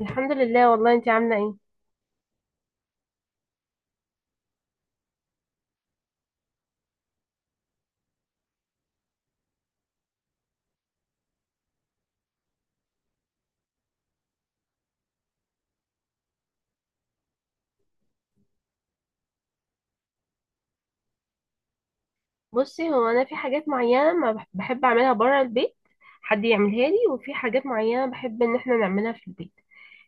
الحمد لله. والله، انت عامله ايه؟ بصي، هو انا في حاجات معينه ما بحب اعملها بره البيت، حد يعملها لي، وفي حاجات معينه بحب ان احنا نعملها في البيت.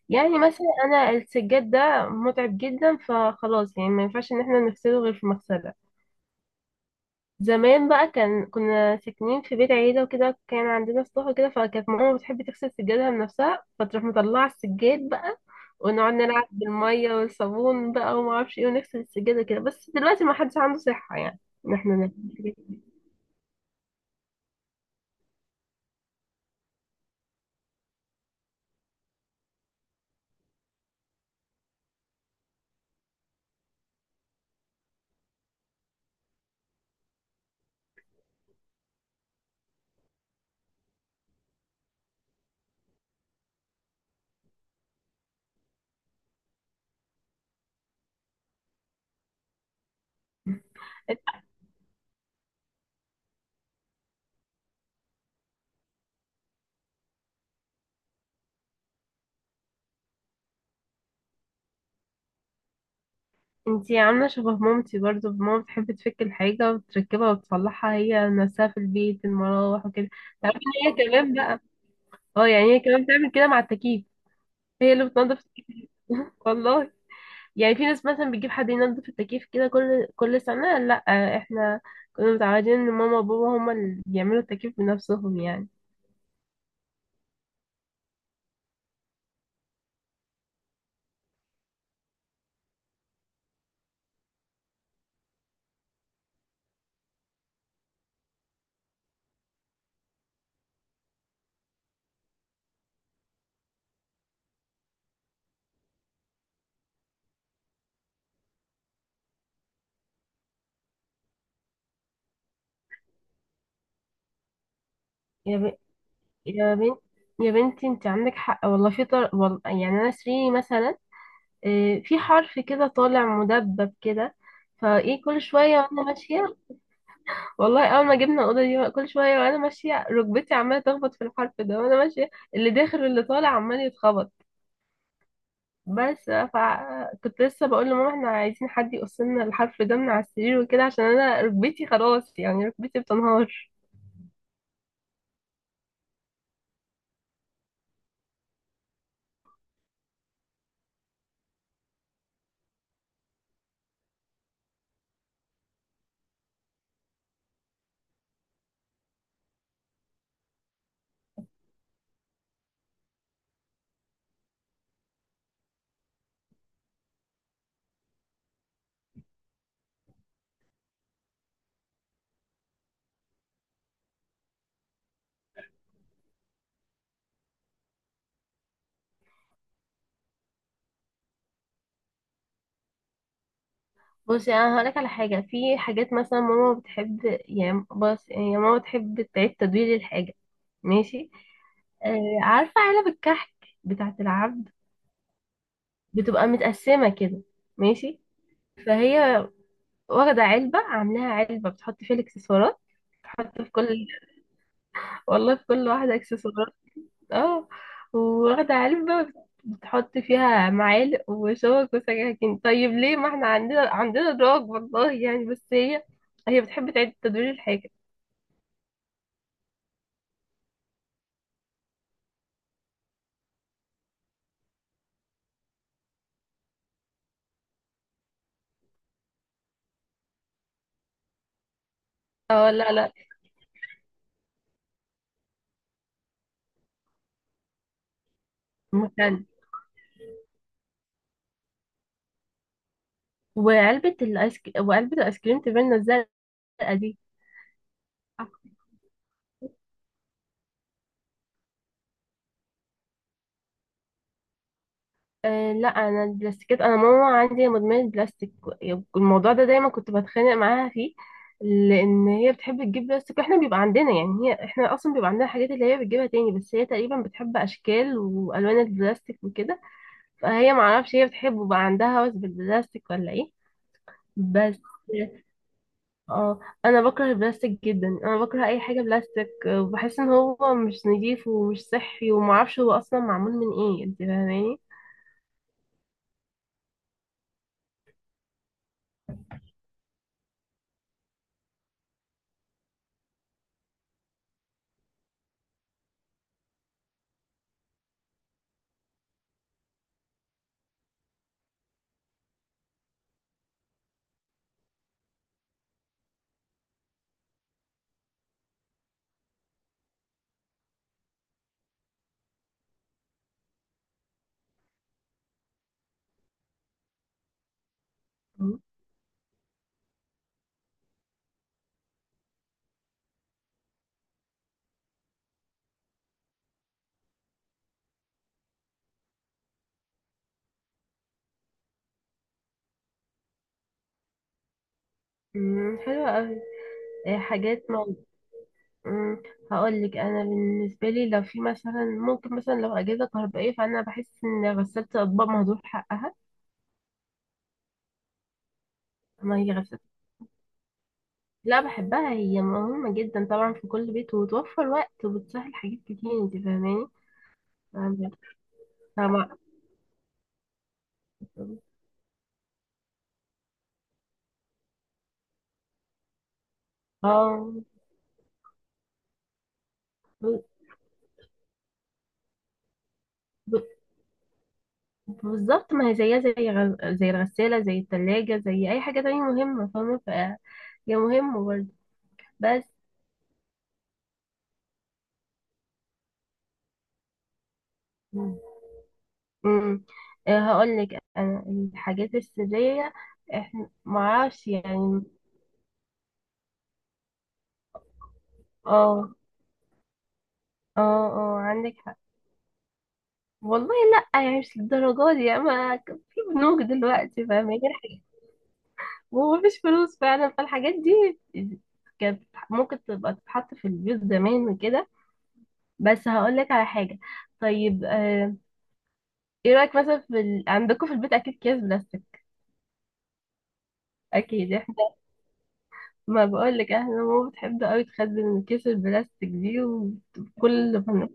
يعني مثلا انا السجاد ده متعب جدا، فخلاص يعني ما ينفعش ان احنا نغسله غير في مغسله. زمان بقى، كنا ساكنين في بيت عيلة وكده، كان عندنا سطوح وكده، فكانت ماما بتحب تغسل سجادها بنفسها، فتروح مطلعة السجاد بقى، ونقعد نلعب بالمية والصابون بقى وما اعرفش ايه، ونغسل السجادة كده. بس دلوقتي ما حدش عنده صحة يعني ان احنا نعمل كده. انتي عاملة شبه مامتي، برضو ماما بتحب تفك الحاجة وتركبها وتصلحها هي نفسها في البيت، المراوح وكده. تعرفي ان هي كمان بقى، اه، يعني هي كمان بتعمل كده مع التكييف. هي اللي بتنضف التكييف. والله. يعني في ناس مثلا بتجيب حد ينظف التكييف كده كل كل سنة. لا، احنا كنا متعودين ان ماما وبابا هما اللي بيعملوا التكييف بنفسهم يعني. يا ب... يا بنت يا بنتي، انت عندك حق والله. والله يعني، انا سريري مثلا في حرف كده طالع مدبب كده، فايه كل شوية وانا ماشية. والله اول ما جبنا الأوضة دي، كل شوية وانا ماشية ركبتي عمالة تخبط في الحرف ده وانا ماشية، اللي داخل واللي طالع عمال يتخبط. بس فكنت لسه بقول لماما احنا عايزين حد يقص لنا الحرف ده من على السرير وكده، عشان انا ركبتي خلاص، يعني ركبتي بتنهار. بصي، انا هقولك على حاجه. في حاجات مثلا ماما بتحب، يعني بص، يعني ماما بتحب تعيد تدوير الحاجه. ماشي؟ آه، عارفه علب الكحك بتاعه العبد، بتبقى متقسمه كده، ماشي؟ فهي واخده علبه عاملاها علبه بتحط فيها الاكسسوارات، بتحط في كل، والله في كل واحده اكسسوارات. اه، واخدة علبة بتحط فيها معالق وشوك وسكاكين. طيب ليه، ما احنا عندنا دراج، والله يعني. بس هي، هي بتحب تعيد تدوير الحاجة. اه، لا لا. مكان. وعلبة الايس كريم تبان الزرقاء دي. أه، لا، انا البلاستيكات، انا ماما عندي مدمنه بلاستيك. الموضوع ده دايما كنت بتخانق معاها فيه، لان هي بتحب تجيب بلاستيك، واحنا بيبقى عندنا يعني، هي احنا اصلا بيبقى عندنا حاجات اللي هي بتجيبها تاني. بس هي تقريبا بتحب اشكال والوان البلاستيك وكده، فهي معرفش هي بتحبه بقى، عندها هوس بالبلاستيك ولا ايه. بس، اه، انا بكره البلاستيك جدا، انا بكره اي حاجه بلاستيك. وبحس ان هو مش نظيف ومش صحي، ومعرفش هو اصلا معمول من ايه، انت فاهماني؟ مم، حلوة أوي. حاجات ما هقول لك، انا بالنسبه لي، لو في مثلا، ممكن مثلا لو اجهزه كهربائيه، فانا بحس ان غساله الاطباق مهدور حقها. ما هي غساله. لا، بحبها، هي مهمه جدا طبعا في كل بيت، وتوفر وقت، وبتسهل حاجات كتير، انت فاهماني؟ فاهمة- فاهمة- اه، ب- ب- بالظبط. ما هي زيها زي زي الغساله، زي الثلاجه، زي اي حاجه تانية مهمه، فاهمه، ف هي مهمه برضه. بس. امم هقول لك، انا الحاجات السريه، احنا ما اعرفش يعني. اه، اه، اه، عندك حق والله. لا يعني، مش للدرجه دي يعني. ما في بنوك دلوقتي، فاهمه يعني، ومفيش فلوس فعلا. فالحاجات دي كانت ممكن تبقى تتحط في البيوت زمان وكده. بس هقول لك على حاجه. طيب، ايه رايك مثلا في عندكم في البيت اكيد اكياس بلاستيك. اكيد. ما بقول لك احنا ماما بتحب قوي تخزن الكيس البلاستيك دي، وكل ما-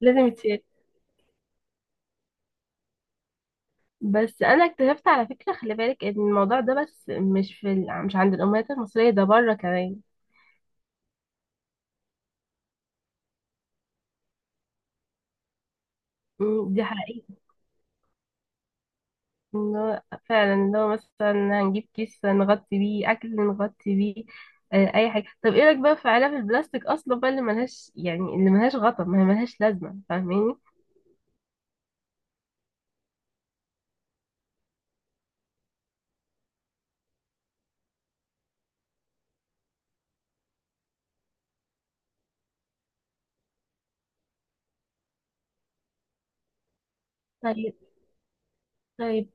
لازم يتشال. بس انا اكتشفت على فكره، خلي بالك ان الموضوع ده بس مش في مش عند الامهات المصريه، ده بره كمان. أمم، دي حقيقه. ان هو فعلا، ان هو مثلا هنجيب كيس نغطي بيه اكل، نغطي بيه اي حاجه. طب ايه رايك بقى في علب البلاستيك اصلا بقى اللي ملهاش يعني اللي ملهاش غطا، ما هي ملهاش لازمه، فاهماني؟ طيب، طيب.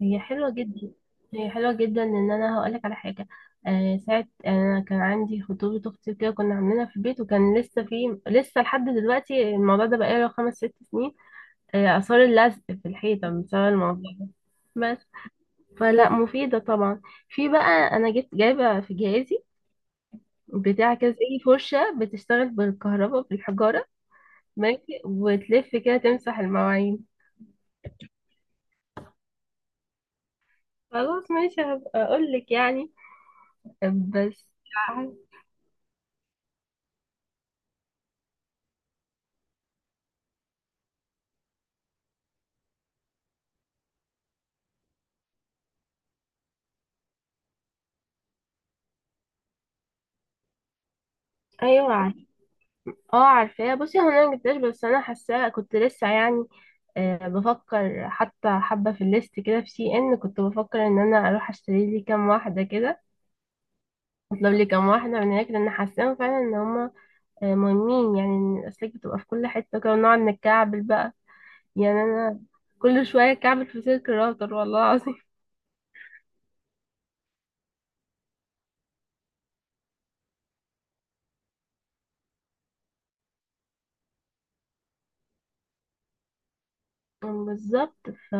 هي حلوة جدا هي حلوة جدا، ان انا هقولك على حاجة. ساعة انا كان عندي خطوبة اختي كده، كنا عاملينها في البيت، وكان لسه لحد دلوقتي الموضوع ده بقاله 5 6 سنين. آثار اللزق في الحيطة بسبب الموضوع ده. بس، فلا مفيدة طبعا. في بقى، انا جايبة في جهازي بتاع كده، زي فرشة بتشتغل بالكهرباء بالحجارة، ماشي، وتلف كده تمسح المواعين. خلاص ماشي، هبقى اقولك يعني. بس. ايوه، اه، عارفاه. بصي، هو انا مجبتهاش، بس انا حاساه، كنت لسه يعني بفكر حتى حبه في الليست كده، في سي ان، كنت بفكر ان انا اروح اشتري لي كام واحده كده، اطلب لي كام واحده من هناك، لان حاساهم فعلا ان هما مهمين. يعني إن الاسلاك بتبقى في كل حته كده، ونقعد نتكعبل بقى. يعني انا كل شويه كعبل في سلك الراوتر والله العظيم. بالظبط. ف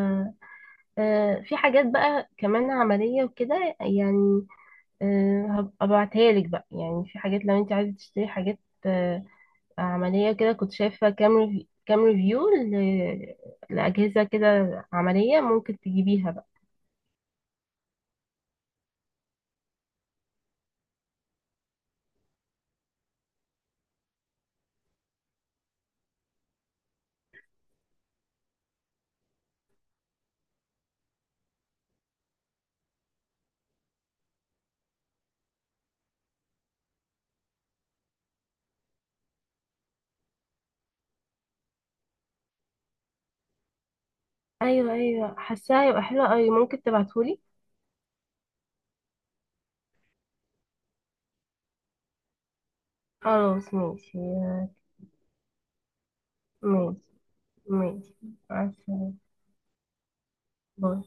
في حاجات بقى كمان عمليه وكده يعني. هبقى ابعتها لك بقى، يعني في حاجات لو انت عايزه تشتري حاجات آه، عملية كده. كنت شايفة كام ريفيو لأجهزة كده عملية، ممكن تجيبيها بقى. أيوة، أيوة، حاساها هيبقى حلوة أوي، ممكن تبعتهولي. خلاص ماشي، ماشي، ماشي. مع السلامة. باي.